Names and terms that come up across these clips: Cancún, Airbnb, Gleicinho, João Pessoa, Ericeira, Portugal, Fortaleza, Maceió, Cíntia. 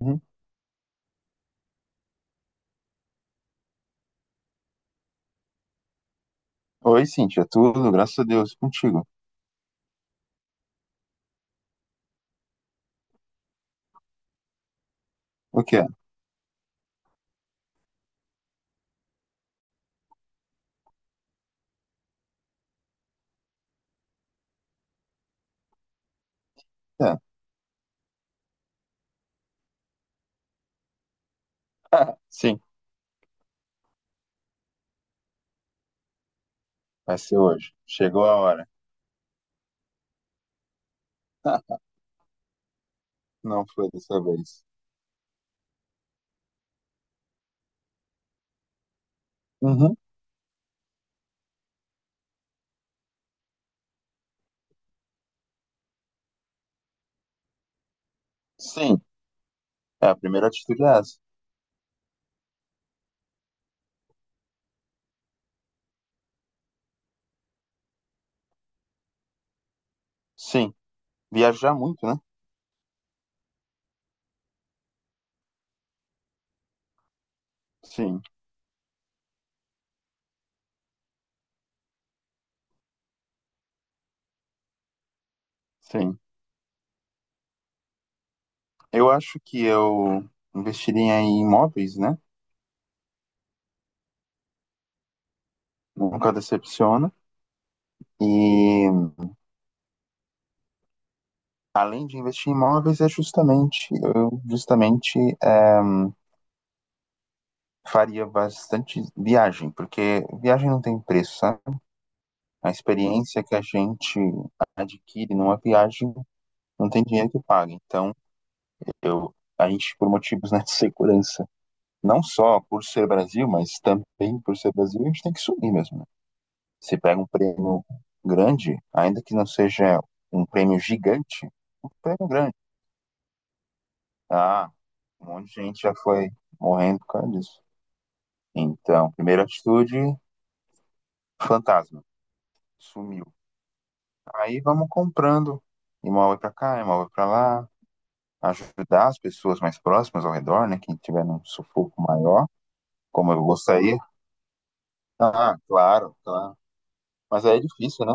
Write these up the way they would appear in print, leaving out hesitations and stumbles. Uhum. Oi, Cíntia, tudo? Graças a Deus, e contigo. O que é? É. Sim, vai ser hoje. Chegou a hora. Não foi dessa vez. Uhum. Sim, é a primeira atitude é essa. Sim, viajar muito, né? Sim, sim. Eu acho que eu investiria em imóveis, né? Nunca decepciona. E além de investir em imóveis, é justamente, eu justamente faria bastante viagem, porque viagem não tem preço, sabe? A experiência que a gente adquire numa viagem não tem dinheiro que pague. Então, eu, a gente, por motivos né, de segurança, não só por ser Brasil, mas também por ser Brasil, a gente tem que subir mesmo. Né? Você pega um prêmio grande, ainda que não seja um prêmio gigante, um prêmio grande. Ah, um monte de gente já foi morrendo por causa disso. Então, primeira atitude, fantasma, sumiu. Aí vamos comprando, imóvel para cá, imóvel para lá, ajudar as pessoas mais próximas ao redor, né? Quem tiver num sufoco maior, como eu vou sair. Ah, claro, claro. Mas aí é difícil, né?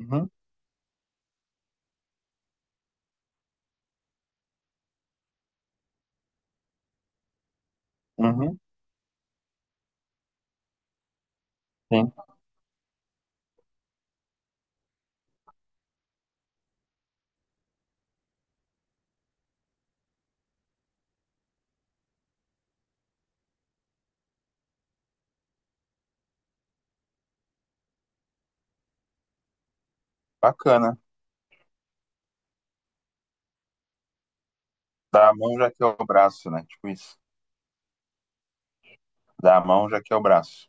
Uhum, uhum, sim. Bacana. Dá a mão já que é o braço, né? Tipo isso. Dá a mão já que é o braço.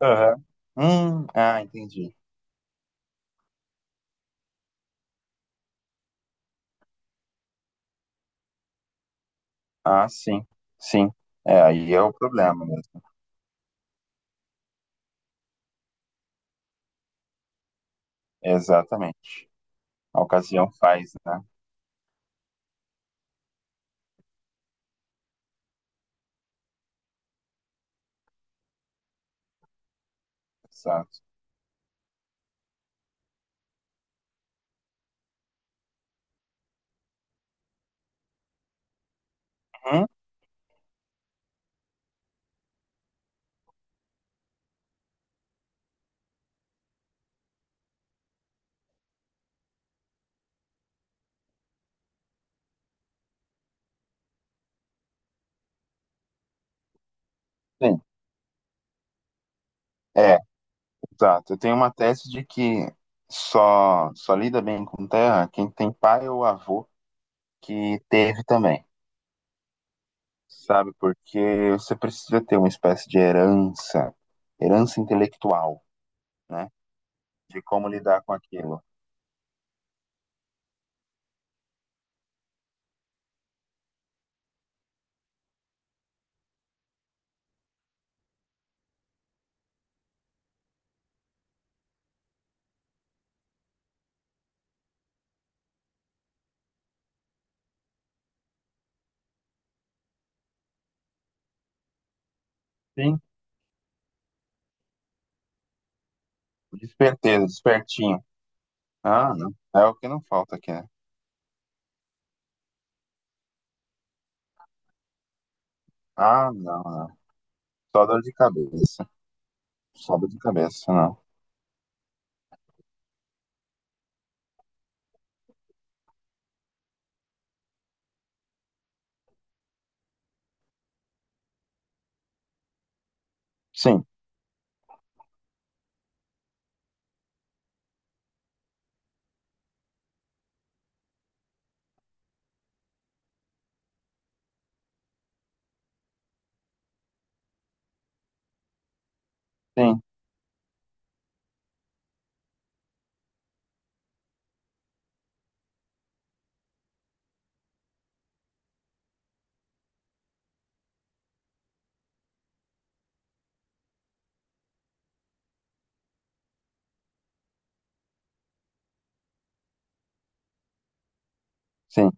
Aham. Ah, entendi. Ah, sim, sim. É, aí é o problema mesmo. Exatamente. A ocasião faz, né? Exato. Uhum, sim. É. Exato. Eu tenho uma tese de que só lida bem com terra quem tem pai ou avô que teve também, sabe? Porque você precisa ter uma espécie de herança, herança intelectual, né? De como lidar com aquilo. Sim. Desperteza, despertinho. Ah, não. É o que não falta aqui, né? Ah, não, não. Só dor de cabeça. Só dor de cabeça, não. Sim, sim, sim,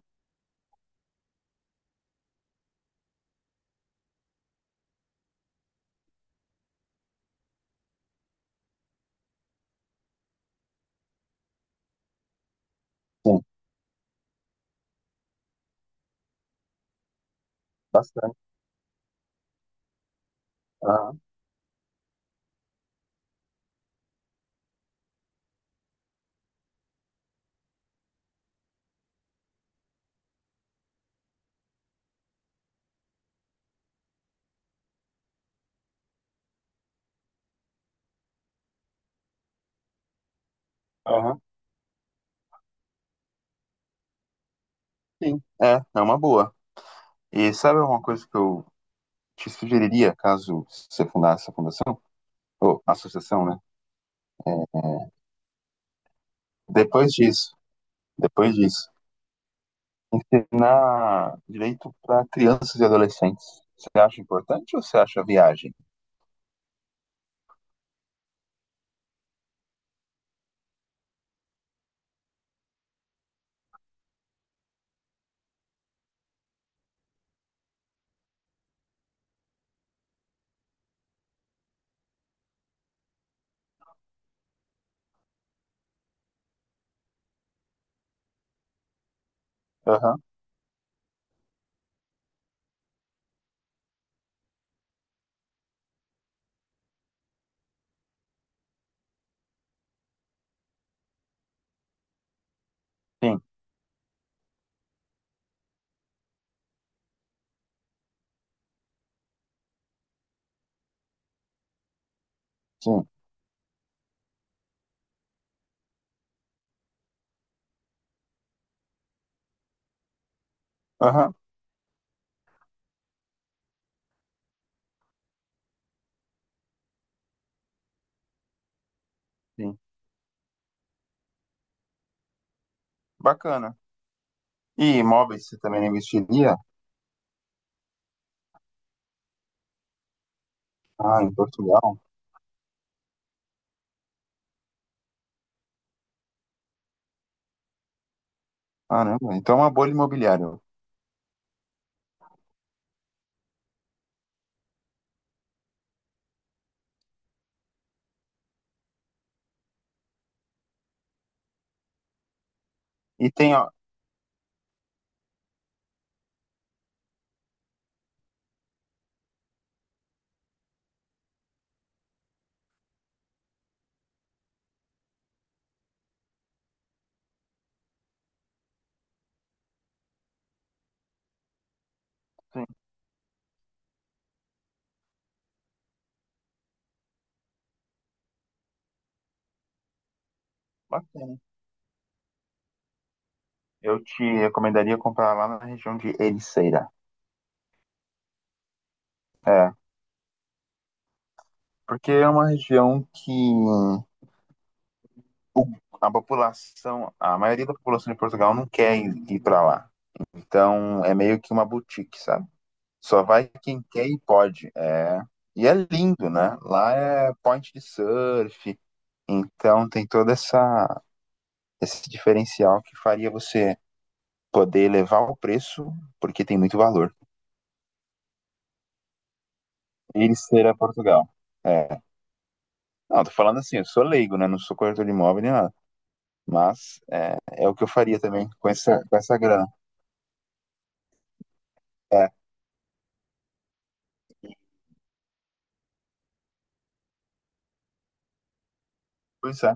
sim. Bastante. Aham, aham. Sim. É, é uma boa. E sabe uma coisa que eu te sugeriria, caso você fundasse a fundação, ou associação, né? Depois disso, depois disso, ensinar direito para crianças e adolescentes. Você acha importante ou você acha viagem? Aham, sim, sim. Aham, sim. Bacana. E imóveis você também não investiria? Ah, em Portugal? Caramba, então é uma bolha imobiliária. E tem, ó, sim, bacana. Eu te recomendaria comprar lá na região de Ericeira. É, porque é uma região que o- a população, a maioria da população de Portugal não quer ir para lá. Então é meio que uma boutique, sabe? Só vai quem quer e pode. É... E é lindo, né? Lá é point de surf, então tem todo essa, esse diferencial que faria você poder elevar o preço, porque tem muito valor. Ir ser a Portugal. É. Não, tô falando assim, eu sou leigo, né? Não sou corretor de imóvel nem nada. Mas é, é o que eu faria também com essa grana. É, pois é.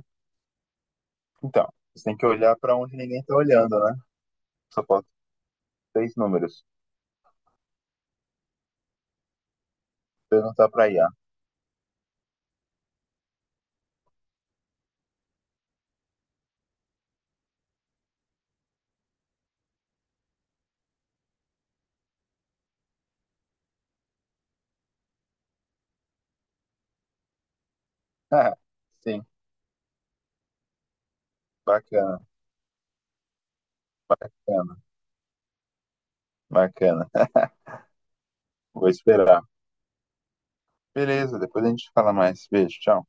Então, você tem que olhar pra onde ninguém tá olhando, né? Só falta três números. Perguntar pra IA. Ah, sim, bacana, bacana, bacana. Vou esperar. Beleza, depois a gente fala mais. Beijo, tchau.